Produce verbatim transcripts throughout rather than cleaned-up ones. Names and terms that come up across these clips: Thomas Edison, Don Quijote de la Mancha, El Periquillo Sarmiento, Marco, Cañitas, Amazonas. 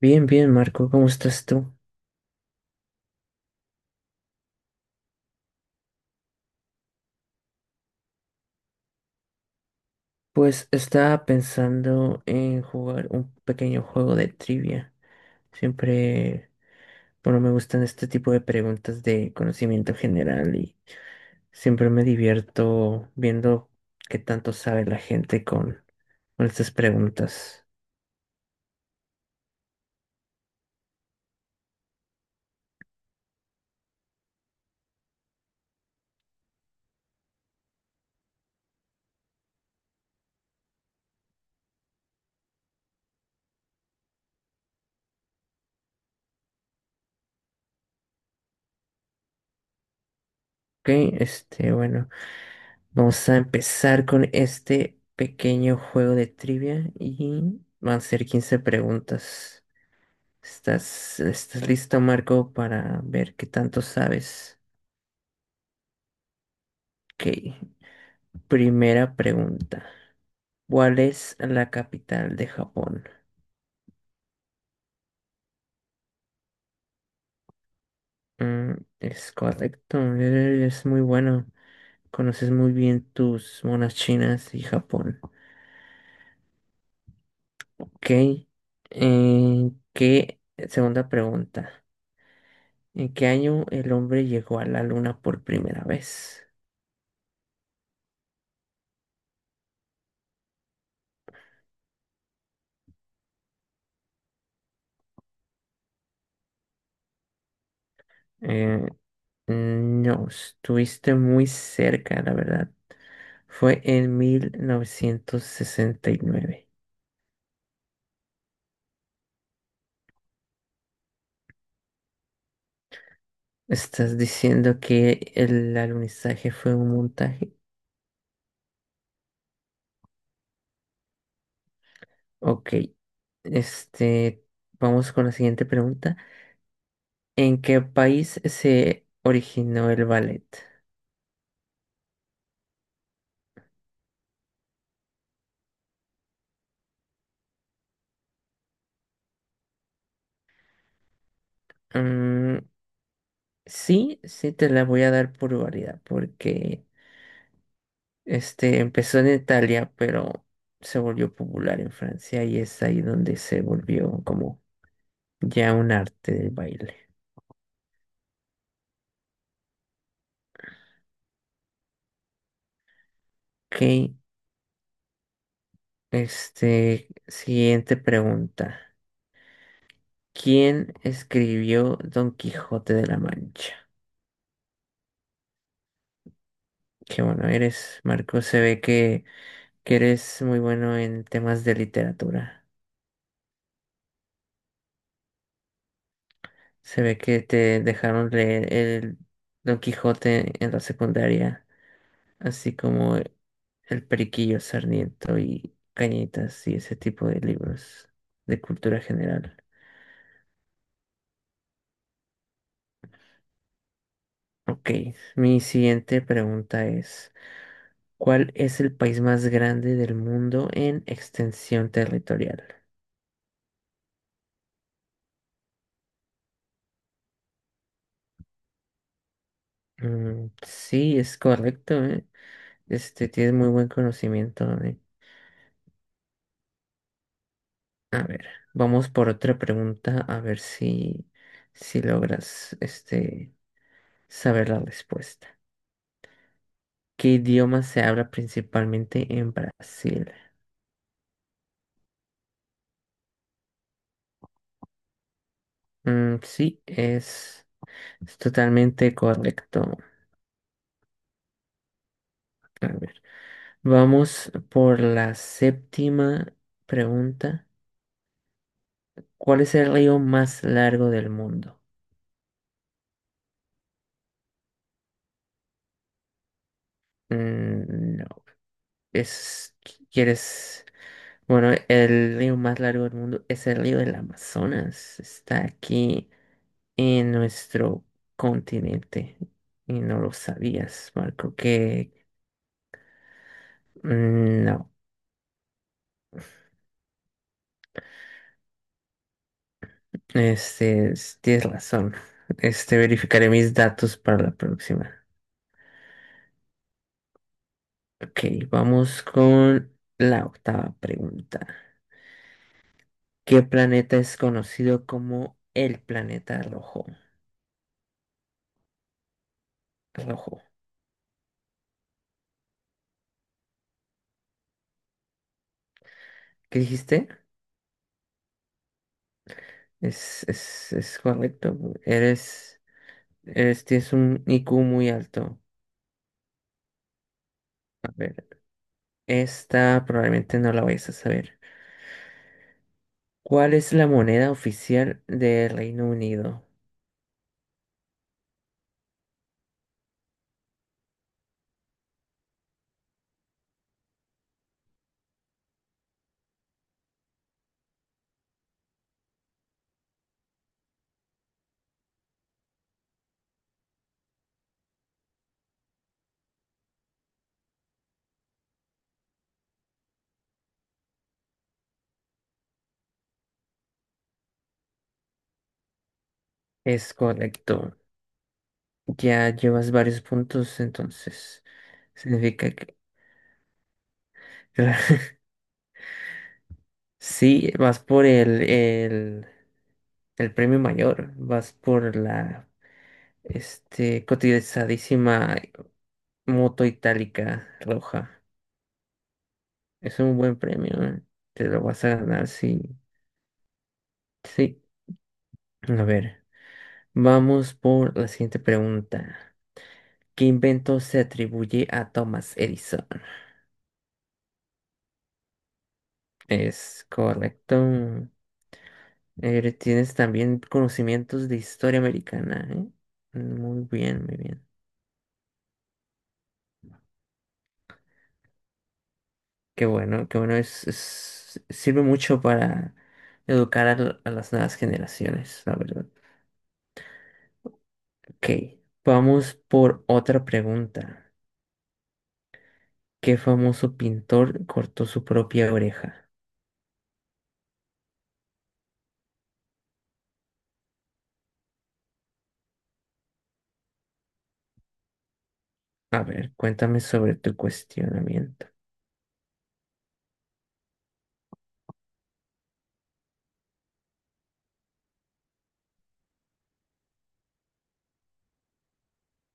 Bien, bien, Marco, ¿cómo estás tú? Pues estaba pensando en jugar un pequeño juego de trivia. Siempre, bueno, me gustan este tipo de preguntas de conocimiento general y siempre me divierto viendo qué tanto sabe la gente con, con estas preguntas. Ok, este, bueno, vamos a empezar con este pequeño juego de trivia y van a ser quince preguntas. ¿Estás, estás listo, Marco, para ver qué tanto sabes? Ok, primera pregunta. ¿Cuál es la capital de Japón? Mm, es correcto, es muy bueno. Conoces muy bien tus monas chinas y Japón. Ok, eh, ¿qué? Segunda pregunta. ¿En qué año el hombre llegó a la luna por primera vez? Eh, no, estuviste muy cerca, la verdad. Fue en mil novecientos sesenta y nueve. ¿Estás diciendo que el alunizaje fue un montaje? Ok. Este, Vamos con la siguiente pregunta. ¿En qué país se originó el ballet? Mm, sí, sí te la voy a dar por variedad, porque este empezó en Italia, pero se volvió popular en Francia y es ahí donde se volvió como ya un arte del baile. Ok, Este, siguiente pregunta. ¿Quién escribió Don Quijote de la Mancha? Qué bueno eres, Marco. Se ve que, que eres muy bueno en temas de literatura. Se ve que te dejaron leer el Don Quijote en la secundaria, así como El Periquillo Sarmiento y Cañitas y ese tipo de libros de cultura general. Ok, mi siguiente pregunta es... ¿Cuál es el país más grande del mundo en extensión territorial? Mm, sí, es correcto, ¿eh? Este, tienes muy buen conocimiento, ¿eh? A ver, vamos por otra pregunta a ver si, si logras, este, saber la respuesta. ¿Qué idioma se habla principalmente en Brasil? Mm, sí, es, es totalmente correcto. A ver, vamos por la séptima pregunta. ¿Cuál es el río más largo del mundo? Mm, no, es, ¿quieres? Bueno, el río más largo del mundo es el río del Amazonas. Está aquí en nuestro continente y no lo sabías, Marco, que mm, no, este, es- tienes razón. Este, verificaré mis datos para la próxima. Ok, vamos con la octava pregunta. ¿Qué planeta es conocido como el planeta rojo? Rojo. ¿Qué dijiste? Es, es, es correcto. Eres, eres, tienes un I Q muy alto. A ver, esta probablemente no la vayas a saber. ¿Cuál es la moneda oficial del Reino Unido? Es correcto. Ya llevas varios puntos, entonces significa que sí, vas por el, el, el premio mayor, vas por la Este, cotizadísima moto itálica roja. Es un buen premio, ¿eh? Te lo vas a ganar, sí. Sí. A ver, vamos por la siguiente pregunta. ¿Qué invento se atribuye a Thomas Edison? Es correcto. Eh, tienes también conocimientos de historia americana, ¿eh? Muy bien, muy bien. Qué bueno, qué bueno. Es, es- sirve mucho para educar a l- a las nuevas generaciones, la verdad. Ok, vamos por otra pregunta. ¿Qué famoso pintor cortó su propia oreja? A ver, cuéntame sobre tu cuestionamiento.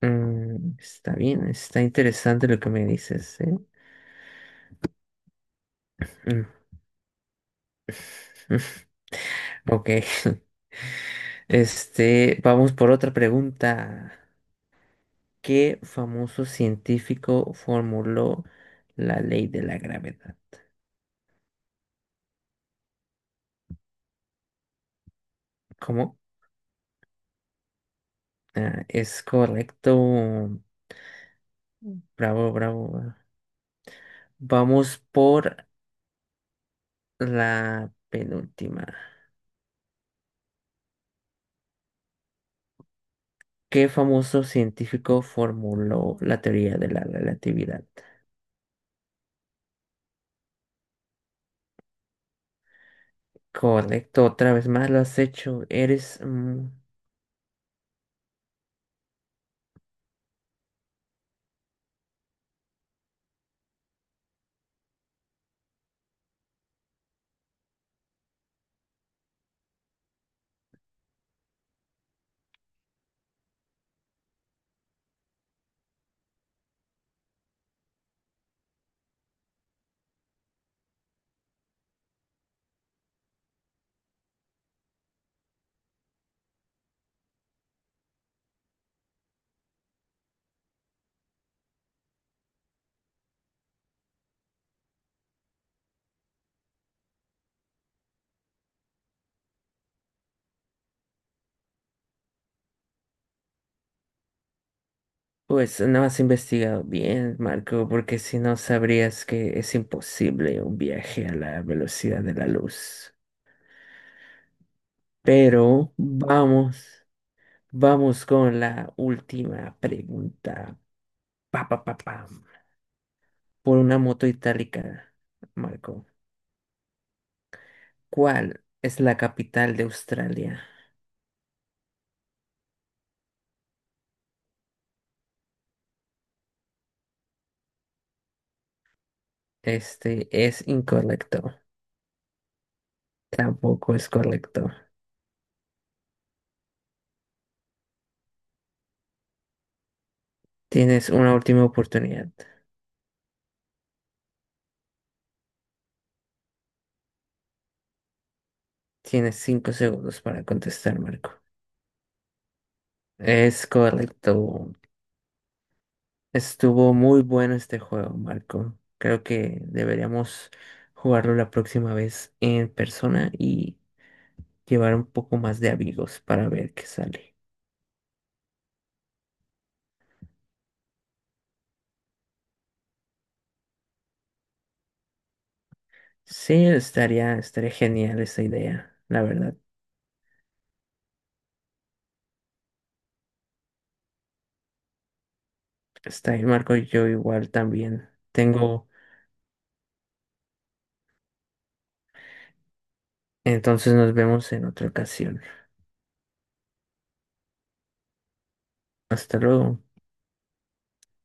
Mm, está bien, está interesante lo que me dices, ¿eh? Mm. Ok. Este, vamos por otra pregunta. ¿Qué famoso científico formuló la ley de la gravedad? ¿Cómo? Ah, es correcto. Bravo, bravo. Vamos por la penúltima. ¿Qué famoso científico formuló la teoría de la relatividad? Correcto, otra vez más lo has hecho. Eres, mm, pues, no has investigado bien, Marco, porque si no sabrías que es imposible un viaje a la velocidad de la luz. Pero vamos, vamos con la última pregunta. Pa, pa, pa, pam. Por una moto itálica, Marco. ¿Cuál es la capital de Australia? Este es incorrecto. Tampoco es correcto. Tienes una última oportunidad. Tienes cinco segundos para contestar, Marco. Es correcto. Estuvo muy bueno este juego, Marco. Creo que deberíamos jugarlo la próxima vez en persona y llevar un poco más de amigos para ver qué sale. Sí, estaría, estaría genial esa idea, la verdad. Está bien, Marco, yo igual también tengo. Entonces nos vemos en otra ocasión. Hasta luego.